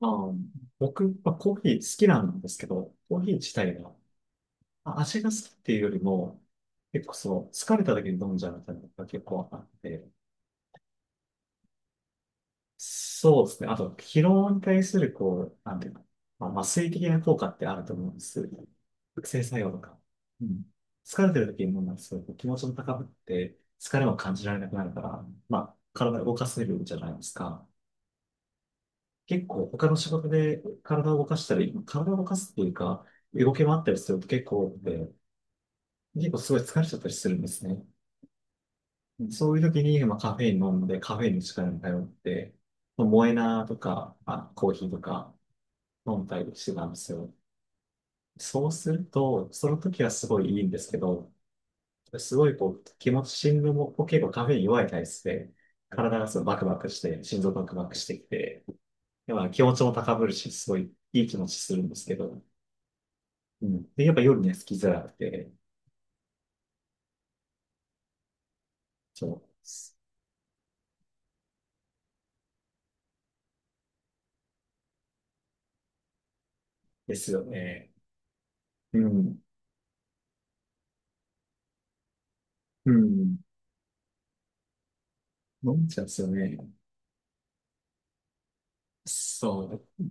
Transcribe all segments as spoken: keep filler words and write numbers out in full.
ああ、僕、まあ、コーヒー好きなんですけど、コーヒー自体が、まあ味が好きっていうよりも、結構そう、疲れた時に飲んじゃうみたいなのが結構あって、そうですね。あと、疲労に対する、こう、なんていうか、まあ、麻酔的な効果ってあると思うんです。覚醒作用とか。うん。疲れてる時に飲んだら、すごい気持ちも高ぶって、疲れも感じられなくなるから、まあ、体を動かせるじゃないですか。結構他の仕事で体を動かしたり、体を動かすっていうか、動き回ったりすると結構多くて、結構すごい疲れちゃったりするんですね。そういう時に、まあ、カフェイン飲んで、カフェインの力に頼って、まあモエナとか、まあ、コーヒーとか飲んだりしてたんですよ。そうすると、その時はすごいいいんですけど、すごいこう、気持ち、心臓も結構カフェイン弱い体質で、体がすごいバクバクして、心臓バクバクしてきて、でまあ気持ちも高ぶるし、すごいいい気持ちするんですけど、うん。で、やっぱ夜ね、好きづらくて、そうですよね。うん。うん。飲んじゃうんですよね。そう。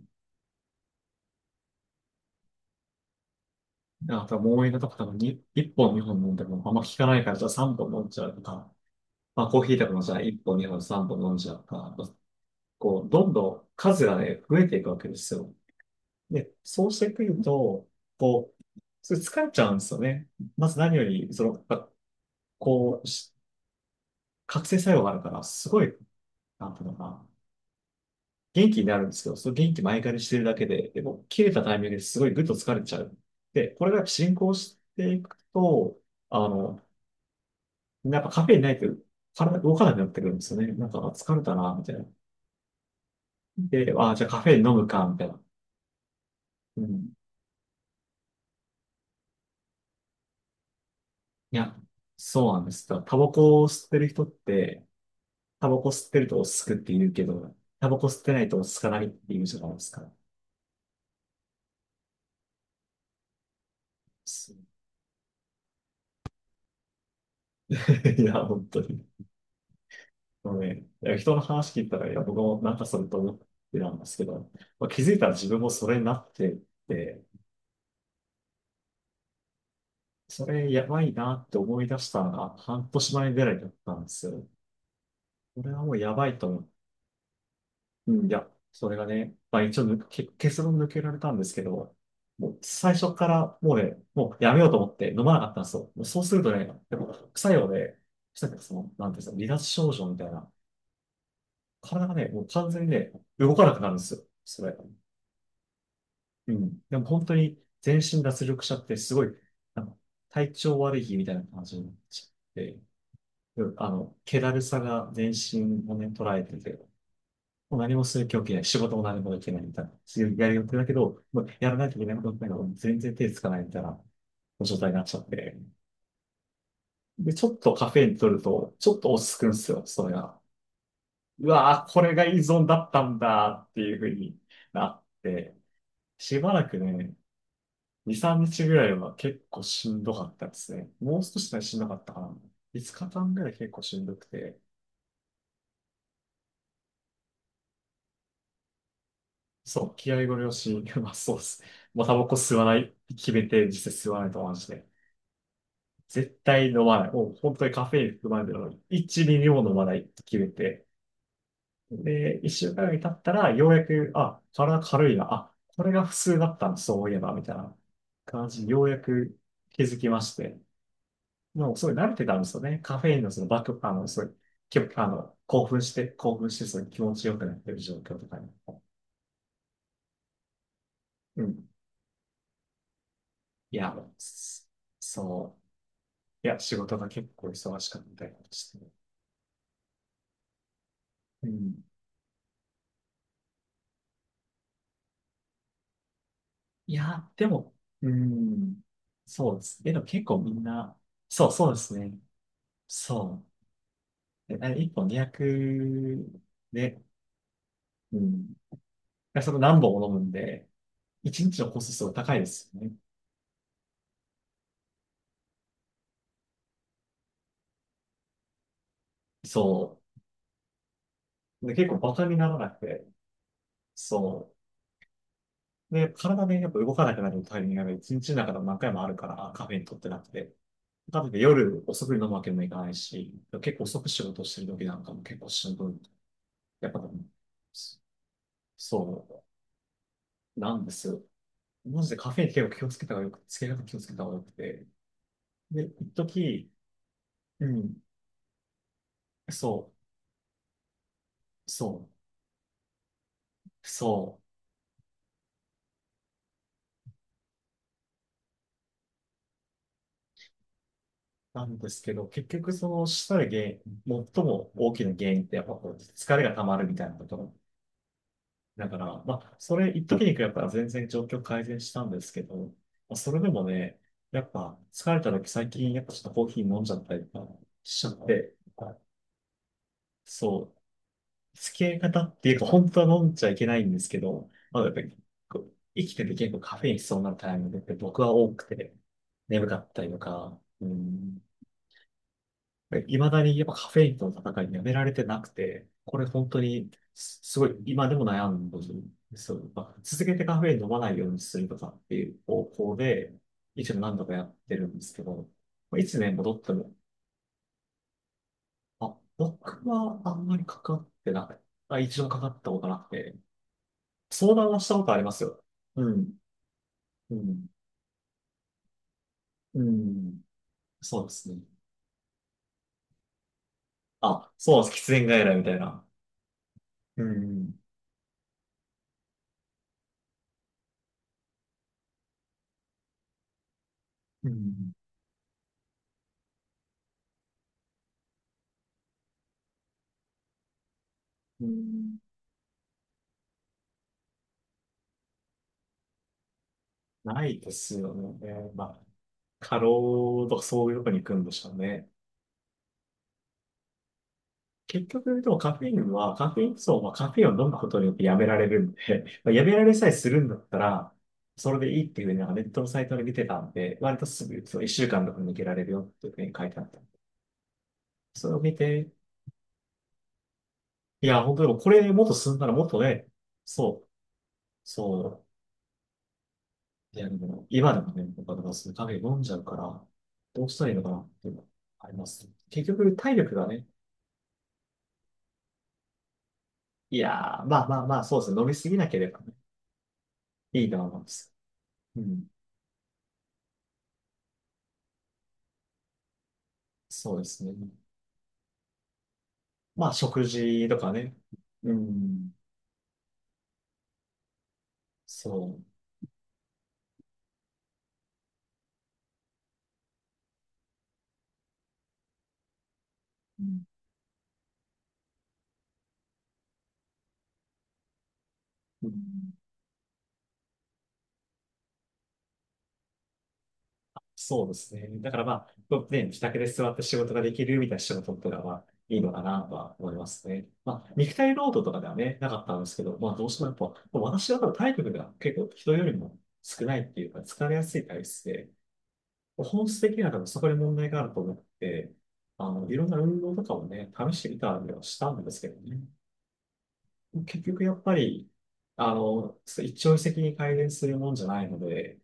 あともう映画とか多分に、いっぽん二本飲んでもあんま効かないから、じゃあさんぼん飲んじゃうとか、まあコーヒーとかもじゃあいっぽん二本三本飲んじゃうとか、こう、どんどん数がね、増えていくわけですよ。で、そうしてくると、こう、それ疲れちゃうんですよね。まず何より、その、やっぱこう、し覚醒作用があるから、すごい、なんていうのかな。元気になるんですけど、その元気前借りしてるだけで、でも切れたタイミングですごいぐっと疲れちゃう。で、これが進行していくと、あの、やっぱカフェインないと体が動かなくなってくるんですよね。なんかあ疲れたな、みたいな。で、あ、じゃあカフェイン飲むか、みたいな。うん。いや、そうなんです。だからタバコを吸ってる人って、タバコ吸ってると落ち着くって言うけど、タバコ吸ってないと落ち着かないって言うじゃないですか。いや、本当に。もうね、いや人の話聞いたら、いや、僕もなんかそれと思ってたんですけど、まあ、気づいたら自分もそれになってて、それやばいなって思い出したのがはんとし前ぐらいだったんですよ。これはもうやばいと思う。うん、いや、それがね、まあ一応抜け、結論抜けられたんですけど、もう最初からもうね、もうやめようと思って飲まなかったんですよ。もうそうするとね、やっぱ副作用で、さっきその、なんていうんですか、離脱症状みたいな、体がね、もう完全にね、動かなくなるんですよ。それ。うん。でも本当に全身脱力者ってすごい、なんか体調悪い日みたいな感じになっちゃって、うんあの、気だるさが全身をね、捉えてて、もう何もする気起きない、仕事も何もできないみたいな、強いやる予定だけど、もうやらないといけないことだけど、全然手つかないみたいな状態になっちゃって。で、ちょっとカフェイン取ると、ちょっと落ち着くんですよ、それが。うわぁ、これが依存だったんだっていうふうになって、しばらくね、に、みっかぐらいは結構しんどかったですね。もう少しでしんどかったかな。いつかかんぐらい結構しんどくて。そう、気合ご了承。まあそうですね。もうタバコ吸わない、決めて実際吸わないとマジで。絶対飲まない。もう本当にカフェイン含まれてるのに、いちミリも飲まないって決めて。で、いっしゅうかんぐらい経ったら、ようやく、あ、体軽いな。あ、これが普通だったの、そういえば、みたいな感じ、ようやく気づきまして。もうそれ慣れてたんですよね。カフェインのそのバック、あの、そういう、きょあの、興奮して、興奮して、その気持ちよくなってる状況とかに。うん。いや、そそう。いや、仕事が結構忙しかったりして。うん。いや、でも、うん。そうです。え、でも結構みんな、そう、そうですね。そう。え、いっぽんにひゃくで、うん。でその何本も飲むんで、いちにちのコストすごい高いですよね。そう。で、結構バカにならなくて、そう。で、体でやっぱ動かなくなるタイミングがいちにちの中でも何回もあるから、カフェにとってなくて。かとい夜遅くに飲むわけにもいかないし、結構遅く仕事してる時なんかも結構しんどい。やっぱでも、そう、なんですよ。マジでカフェイン結構気をつけた方がよく、つけ方気をつけた方がよくて。で、一時、うん、そう、そう、そう。なんですけど、結局そのしたら原因、最も大きな原因ってやっぱこう疲れが溜まるみたいなことがだから、まあ、それ一時に比べたら全然状況改善したんですけど、まあ、それでもね、やっぱ疲れた時最近やっぱちょっとコーヒー飲んじゃったりとかしちゃって、そう、付き合い方っていうか本当は飲んじゃいけないんですけど、まあ、やっぱりこう生きてて結構カフェイン必要なタイミングって僕は多くて眠かったりとか、うん、いまだにやっぱカフェインとの戦いやめられてなくて、これ本当にすすごい今でも悩んでるんですよ。まあ続けてカフェイン飲まないようにするとかっていう方向で、一応何度かやってるんですけど、まあいつね、戻っても、あ、僕はあんまりかかってなくてあ、一度かかったことなくて、相談はしたことありますよ。うん、うん、うん、そうですね。あ、そうなんです。喫煙外来みたいな。うん、うん、うん。ないですよね。まあ、過労とかそういうとこに行くんでしょうね。結局、でもカフェインは、カフェインそう、まあ、カフェインを飲むことによってやめられるんで、まあ、やめられさえするんだったら、それでいいっていうふうになんかネットのサイトで見てたんで、割とすぐ、そう、いっしゅうかんとか抜けられるよっていうふうに書いてあった。それを見て、いや、本当でもこれもっと進んだらもっとね、そう、そう、いや、でも、今でもね、僕はだからそういうカフェイン飲んじゃうから、どうしたらいいのかなっていうのはあります。結局、体力がね、いやー、まあまあまあ、そうですね。飲みすぎなければね、いいと思います。うん。そうですね。まあ、食事とかね。うん。そう。うんうんそうですね。だからまあ、ね、自宅で座って仕事ができるみたいな仕事とかはいいのかなとは思いますね。まあ、肉体労働とかではね、なかったんですけど、まあ、どうしてもやっぱ、私は多分体力が結構人よりも少ないっていうか、疲れやすい体質で、本質的には多分そこで問題があると思って、あの、いろんな運動とかもね、試してみたりはしたんですけどね。結局やっぱり、あの、一朝一夕に改善するもんじゃないので、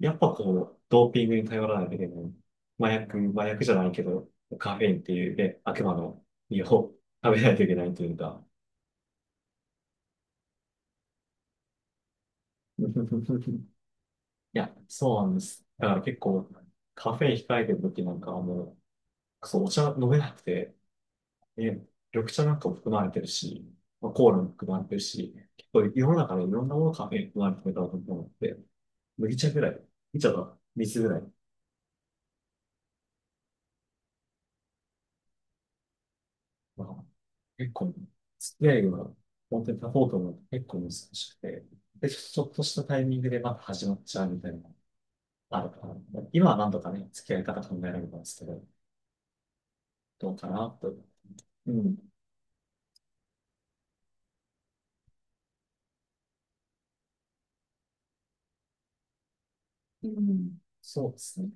やっぱこう、ドーピングに頼らないといけない。麻薬、麻薬じゃないけど、カフェインっていうね、悪魔の実を食べないといけないというか。いや、そうなんです。だから結構、カフェイン控えてる時なんかはもう、そう、お茶飲めなくて、ね、緑茶なんかも含まれてるし、まあ、コーラも含まれてるし、結構世の中のいろんなものカフェイン含まれてると思って、麦茶ぐらい、麦茶と水ぐらい、まあ、結構、付き合いが本当に立とうと思うと結構難しくて、で、ちょっとしたタイミングでまた始まっちゃうみたいなのがあるから、今はなんとかね、付き合い方考えられたんですけど、どうかなと。うん。うん、そうですね。